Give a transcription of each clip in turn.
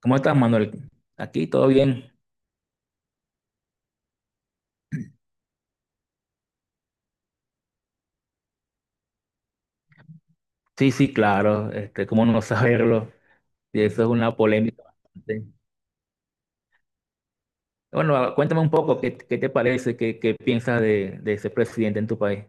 ¿Cómo estás, Manuel? Aquí todo bien. Sí, sí, claro. Este, cómo no saberlo. Y eso es una polémica bastante. Bueno, cuéntame un poco qué te parece, qué piensas de ese presidente en tu país.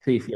Sí, sí.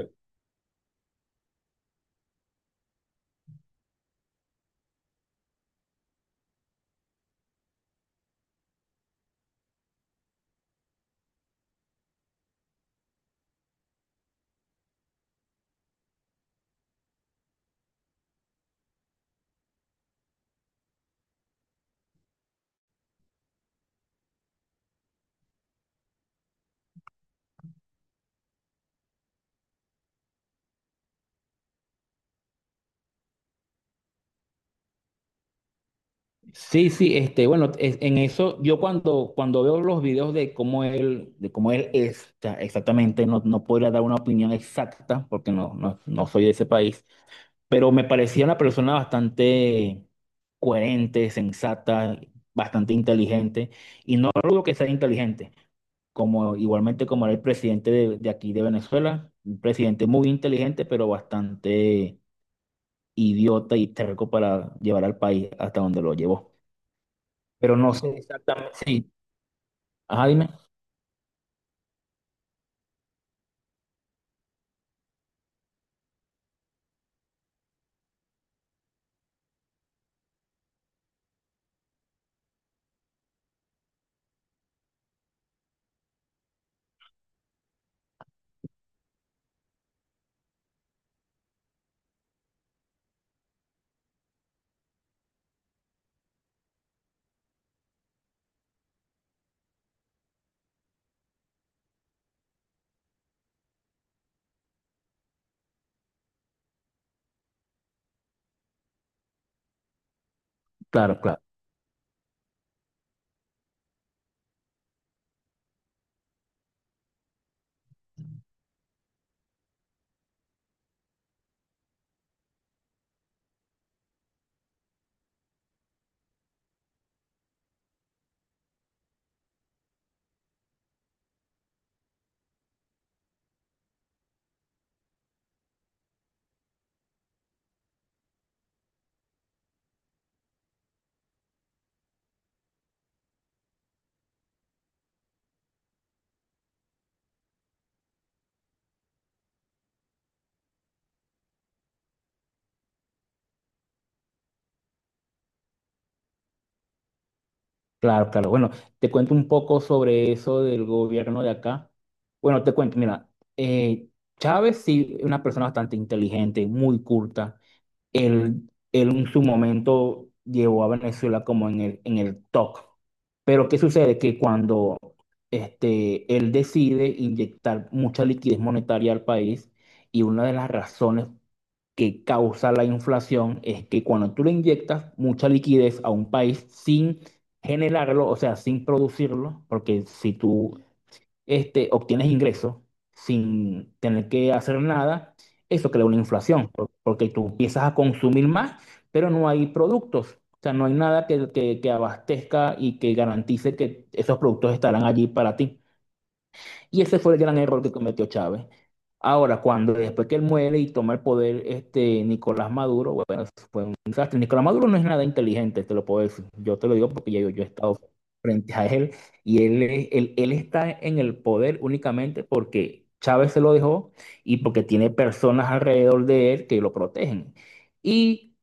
Sí, sí, este, bueno, en eso yo cuando veo los videos de cómo él es, o sea, exactamente, no, no podría dar una opinión exacta porque no, no, no soy de ese país, pero me parecía una persona bastante coherente, sensata, bastante inteligente, y no dudo que sea inteligente, como igualmente como era el presidente de aquí de Venezuela, un presidente muy inteligente, pero bastante idiota y terco para llevar al país hasta donde lo llevó. Pero no sé exactamente, sí, ajá, dime, claro, claro. Claro, claro. Bueno, te cuento un poco sobre eso del gobierno de acá. Bueno, te cuento, mira, eh, Chávez sí, es una persona bastante inteligente, muy culta. Él en su momento llevó a Venezuela como en en el top. Pero ¿qué sucede? Que cuando este, él decide inyectar mucha liquidez monetaria al país, y una de las razones que causa la inflación es que cuando tú le inyectas mucha liquidez a un país sin generarlo, o sea, sin producirlo, porque si tú este, obtienes ingresos sin tener que hacer nada, eso crea una inflación, porque tú empiezas a consumir más, pero no hay productos. O sea, no hay nada que, que abastezca y que garantice que esos productos estarán allí para ti. Y ese fue el gran error que cometió Chávez. Ahora, cuando después que él muere y toma el poder este Nicolás Maduro, bueno, eso fue un desastre. Nicolás Maduro no es nada inteligente, te lo puedo decir. Yo te lo digo porque ya yo he estado frente a él y él, él está en el poder únicamente porque Chávez se lo dejó y porque tiene personas alrededor de él que lo protegen. Y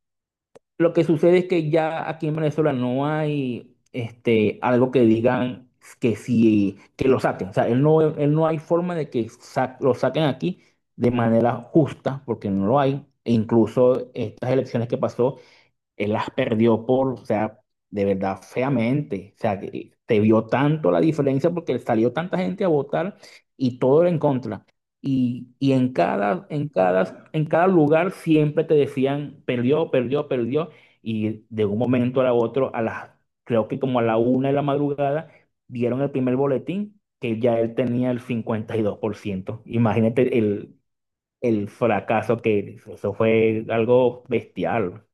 lo que sucede es que ya aquí en Venezuela no hay este, algo que digan que sí, que lo saquen. O sea, él no hay forma de que lo saquen aquí de manera justa, porque no lo hay. E incluso estas elecciones que pasó él las perdió por, o sea, de verdad, feamente. O sea, que te vio tanto la diferencia porque salió tanta gente a votar y todo era en contra. Y en cada, en cada, en cada lugar siempre te decían, perdió, perdió, perdió. Y de un momento a otro, a las, creo que como a la una de la madrugada, dieron el primer boletín que ya él tenía el 52%. Imagínate el fracaso que eso fue algo bestial.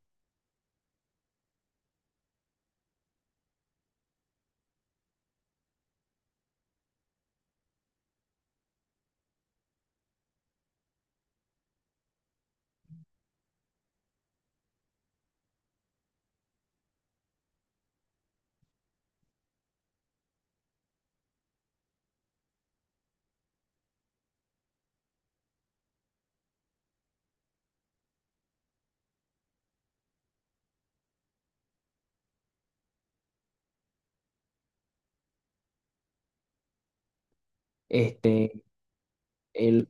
Este, el,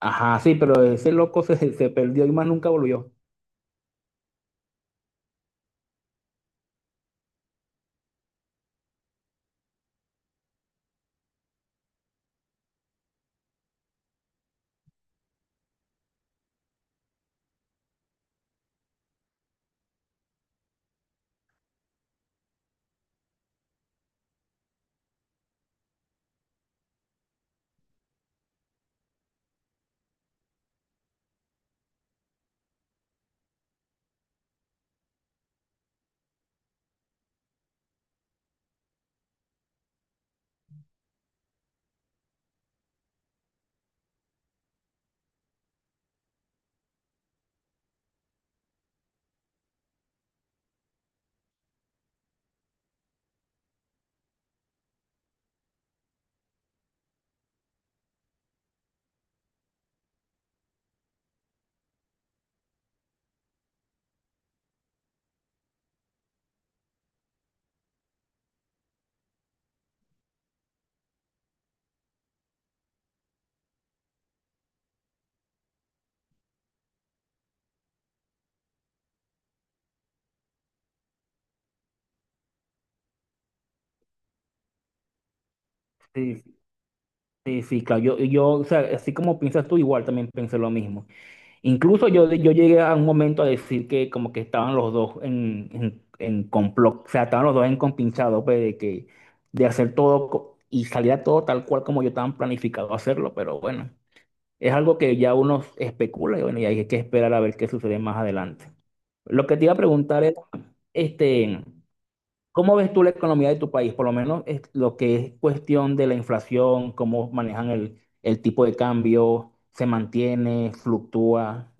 ajá, sí, pero ese loco se, se perdió y más nunca volvió. Sí, sí, sí, claro. Yo, o sea, así como piensas tú, igual también pensé lo mismo. Incluso yo llegué a un momento a decir que como que estaban los dos en complot, o sea, estaban los dos en compinchado, pues, de que, de hacer todo y salía todo tal cual como yo estaba planificado hacerlo, pero bueno, es algo que ya uno especula y bueno, y hay que esperar a ver qué sucede más adelante. Lo que te iba a preguntar es, este... ¿Cómo ves tú la economía de tu país? Por lo menos es lo que es cuestión de la inflación, cómo manejan el tipo de cambio, se mantiene, fluctúa.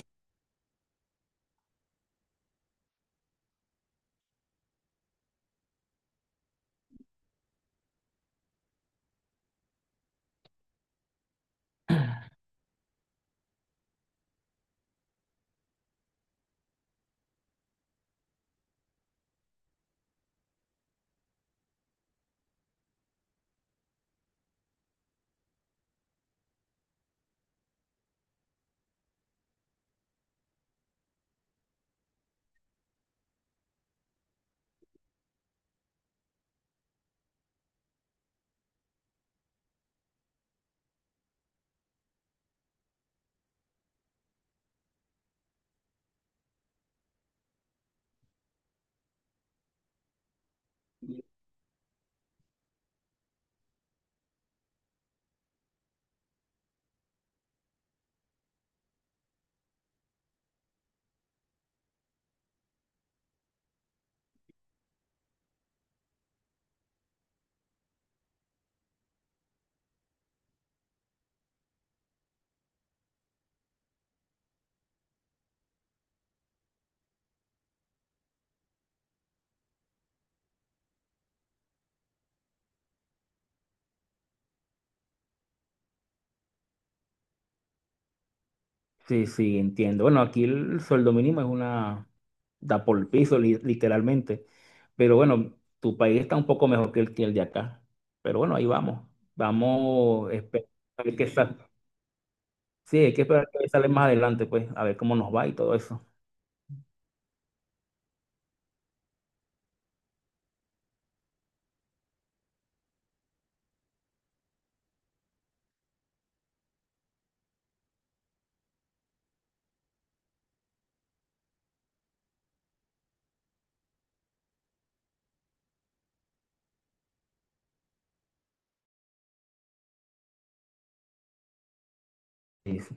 Sí, sí, entiendo. Bueno, aquí el sueldo mínimo es una, da por el piso, literalmente. Pero bueno, tu país está un poco mejor que el de acá. Pero bueno, ahí vamos. Vamos, a ver qué sale. Sí, hay que esperar que sale más adelante, pues, a ver cómo nos va y todo eso. Sí, sí.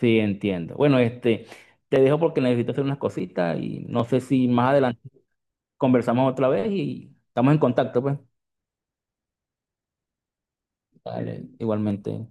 Sí, entiendo. Bueno, este, te dejo porque necesito hacer unas cositas y no sé si más adelante conversamos otra vez y estamos en contacto, pues. Vale, igualmente.